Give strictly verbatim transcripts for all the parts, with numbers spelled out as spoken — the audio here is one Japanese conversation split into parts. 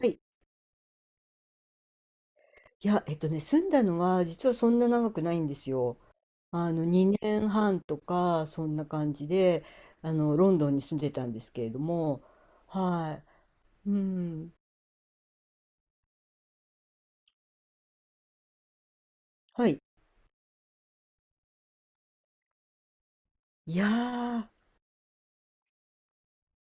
はい。いや、えっとね、住んだのは実はそんな長くないんですよ。あのにねんはんとかそんな感じで、あのロンドンに住んでたんですけれども、はい、うん、はい。いやー、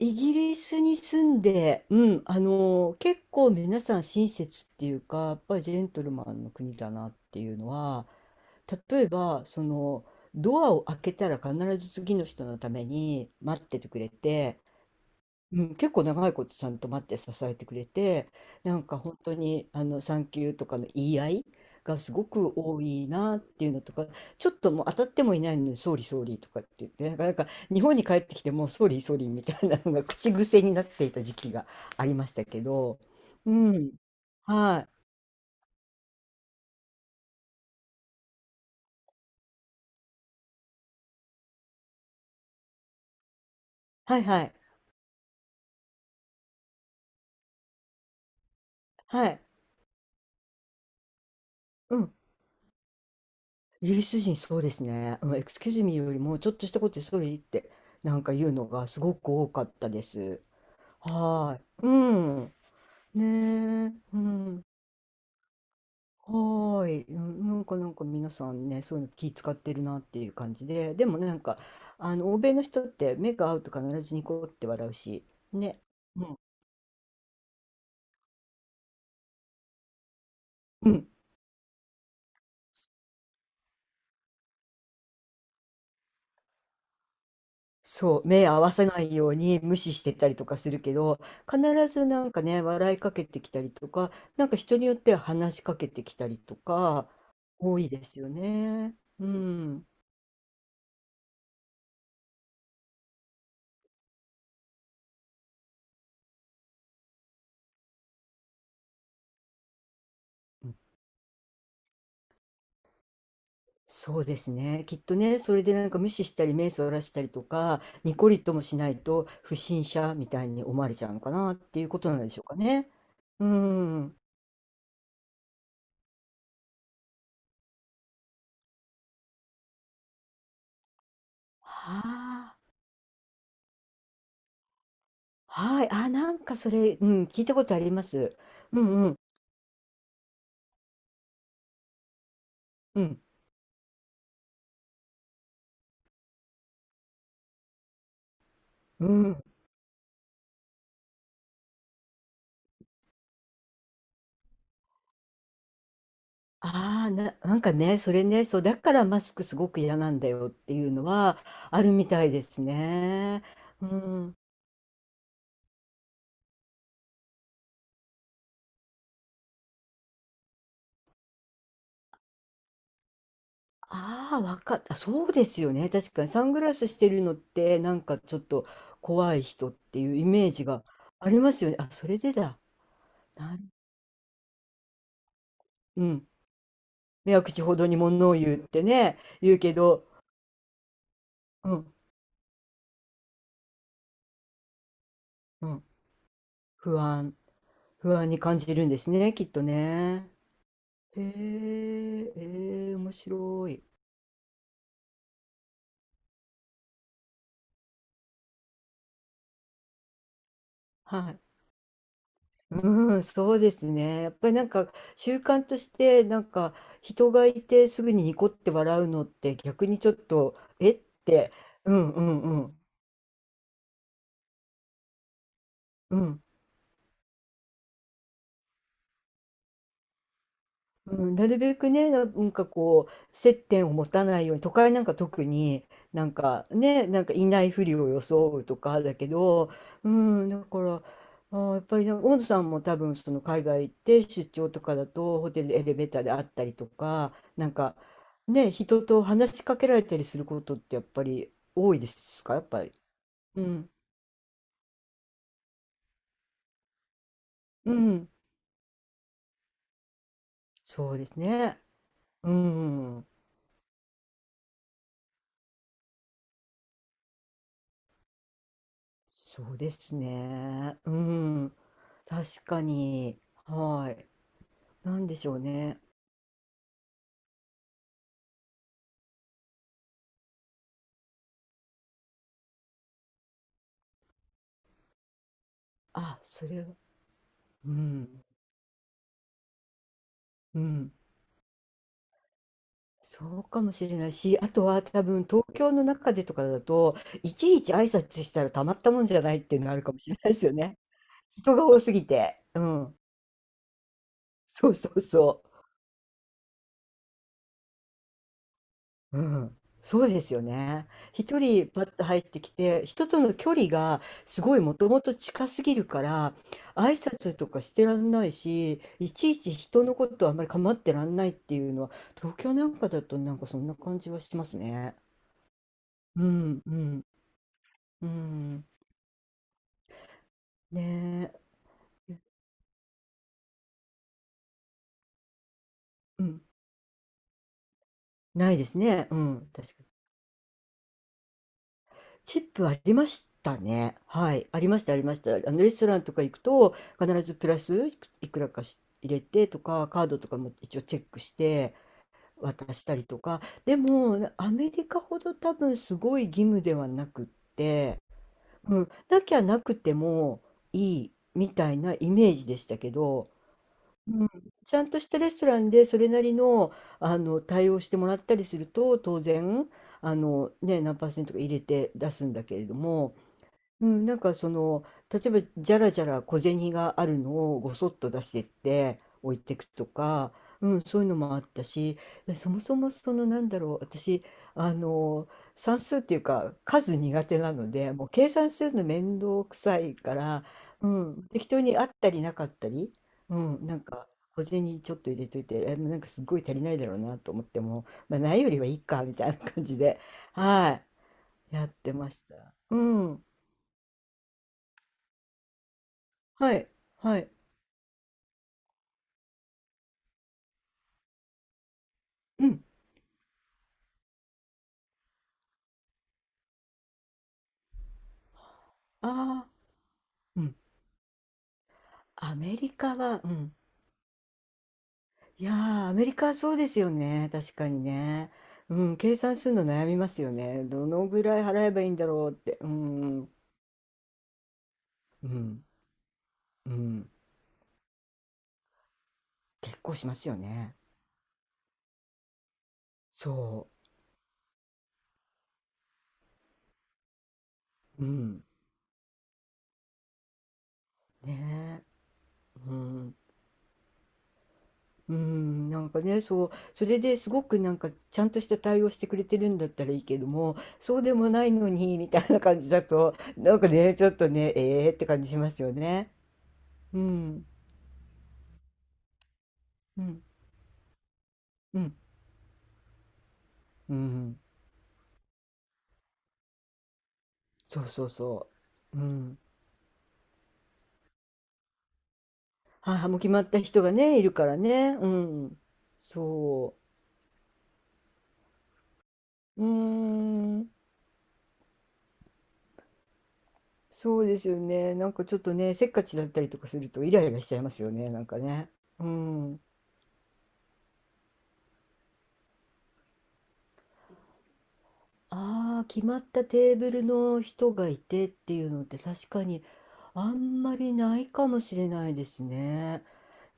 イギリスに住んで、うん、あの結構皆さん親切っていうか、やっぱりジェントルマンの国だなっていうのは、例えばそのドアを開けたら必ず次の人のために待っててくれて。うん、結構長いことちゃんと待って支えてくれて、なんか本当にあの産休とかの言い合いがすごく多いなっていうのとか、ちょっともう当たってもいないのに、総理総理とかって言って、なんか、なんか日本に帰ってきてもう総理総理みたいなのが口癖になっていた時期がありましたけど、うん、はい、はいはい、はい、うん、イギリス人そうですね、うん、エクスキューズミーよりもちょっとしたことで総理ってなんか言うのがすごく多かったです。はーい、うん。ねえ、うん。はーい。うん、なんかなんか皆さんね、そういうの気使ってるなっていう感じで、でもね、なんか、あの、欧米の人って目が合うと必ずニコって笑うし、ね。うん。うん。そう、目合わせないように無視してたりとかするけど、必ずなんかね、笑いかけてきたりとか、なんか人によっては話しかけてきたりとか、多いですよね。うん。そうですね。きっとね、それでなんか無視したり目そらしたりとか、ニコリともしないと不審者みたいに思われちゃうのかなっていうことなんでしょうかね。うん。はあ。はい。あ、なんかそれ、うん、聞いたことあります。うんうん。うん。うん。ああ、な、なんかね、それね、そう、だからマスクすごく嫌なんだよっていうのはあるみたいですね。うん。ああ、わかった。そうですよね。確かにサングラスしてるのって、なんかちょっと怖い人っていうイメージがありますよね。あ、それでだ。なん、うん。目は口ほどに物を言うってね、言うけど、うん、うん。不安、不安に感じるんですね、きっとね。へえ、ええ、面白い。はい。うん、そうですね。やっぱりなんか習慣としてなんか人がいてすぐにニコって笑うのって逆にちょっと、えって、うんうんうん、うん。うん、なるべくね、ななんかこう、接点を持たないように、都会なんか特になんかね、なんかいないふりを装うとかだけど、うん、だから、あー、やっぱりなんか、大野さんも多分その海外行って出張とかだと、ホテルでエレベーターで会ったりとか、なんかね、人と話しかけられたりすることってやっぱり多いですか、やっぱり。うん、うん、そうですね。うん。そうですね。うん。確かに。はい。なんでしょうね。あ、それは、うん。うん。そうかもしれないし、あとは多分東京の中でとかだと、いちいち挨拶したらたまったもんじゃないっていうのあるかもしれないですよね。人が多すぎて。うん。そうそうそう。うん、そうですよね。一人パッと入ってきて、人との距離がすごいもともと近すぎるから、挨拶とかしてらんないし、いちいち人のことあんまり構ってらんないっていうのは、東京なんかだとなんかそんな感じはしますね。うん、うん、うん。ねえ。うん。ないですね。うん、確かに。チップありましたね。はい。ありました、ありました。あの、レストランとか行くと、必ずプラスいくいくらかし入れてとか、カードとかも一応チェックして渡したりとか。でも、アメリカほど多分すごい義務ではなく、うん、なきゃなくてもいいみたいなイメージでしたけど、うん、ちゃんとしたレストランでそれなりの、あの対応してもらったりすると当然あの、ね、何パーセントか入れて出すんだけれども、うん、なんかその、例えばじゃらじゃら小銭があるのをごそっと出してって置いていくとか、うん、そういうのもあったし、そもそもそのなんだろう、私、あの、算数っていうか数苦手なので、もう計算するの面倒くさいから、うん、適当にあったりなかったり、うん、なんか小銭ちょっと入れといて、えなんかすごい足りないだろうなと思っても、まあ、ないよりはいいかみたいな感じで、はい、やってました。うん。はい、はい。うん。ああ、うん。アメリカは、うん。いやー、アメリカはそうですよね。確かにね。うん、計算するの悩みますよね。どのぐらい払えばいいんだろうって。うん。うん。うん。結構しますよね。そう。うん。ねえ、うん、うん、なんかね、そう、それですごくなんかちゃんとした対応してくれてるんだったらいいけども、そうでもないのにみたいな感じだと、なんかね、ちょっとね、ええって感じしますよね。うん、うん、うん、うん、そうそうそう。うん。母も決まった人がね、いるからね。うん。そう。うーん。そうですよね。なんかちょっとね、せっかちだったりとかするとイライラしちゃいますよね、なんかね。うん。ああ、決まったテーブルの人がいてっていうのって確かにあんまりないかもしれないですね。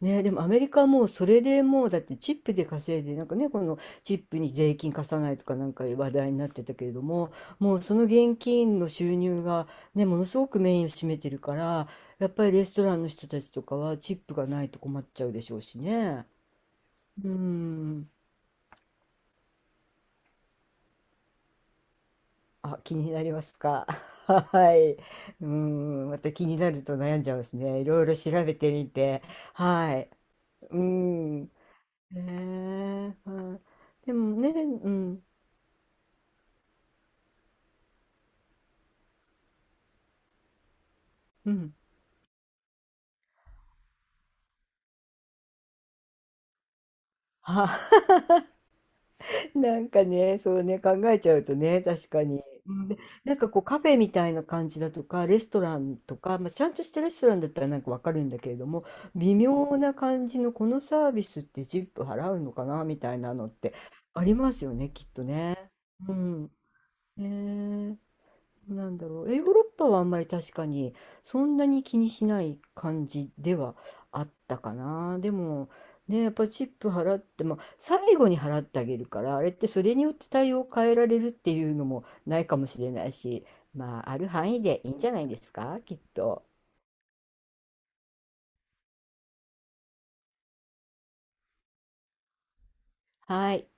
ね、でもアメリカはもうそれでもうだってチップで稼いでなんかね、このチップに税金貸さないとかなんか話題になってたけれども、もうその現金の収入がね、ものすごくメインを占めてるから、やっぱりレストランの人たちとかはチップがないと困っちゃうでしょうしね。うん。あ、気になりますか？ はい。うん。また気になると悩んじゃいますね、いろいろ調べてみて。はい。うん。へえ。はい。でもね、うん、うん。は、なんかね、そうね、考えちゃうとね、確かに。うんで、なんかこうカフェみたいな感じだとか、レストランとか、まあ、ちゃんとしたレストランだったらなんかわかるんだけれども、微妙な感じのこのサービスってジップ払うのかなみたいなのってありますよね、きっとね。うん。ねえ、なんだろう、え、ヨーロッパはあんまり確かにそんなに気にしない感じではあったかな。でもね、やっぱチップ払っても最後に払ってあげるから、あれってそれによって対応を変えられるっていうのもないかもしれないし、まあある範囲でいいんじゃないですか、きっと。はい。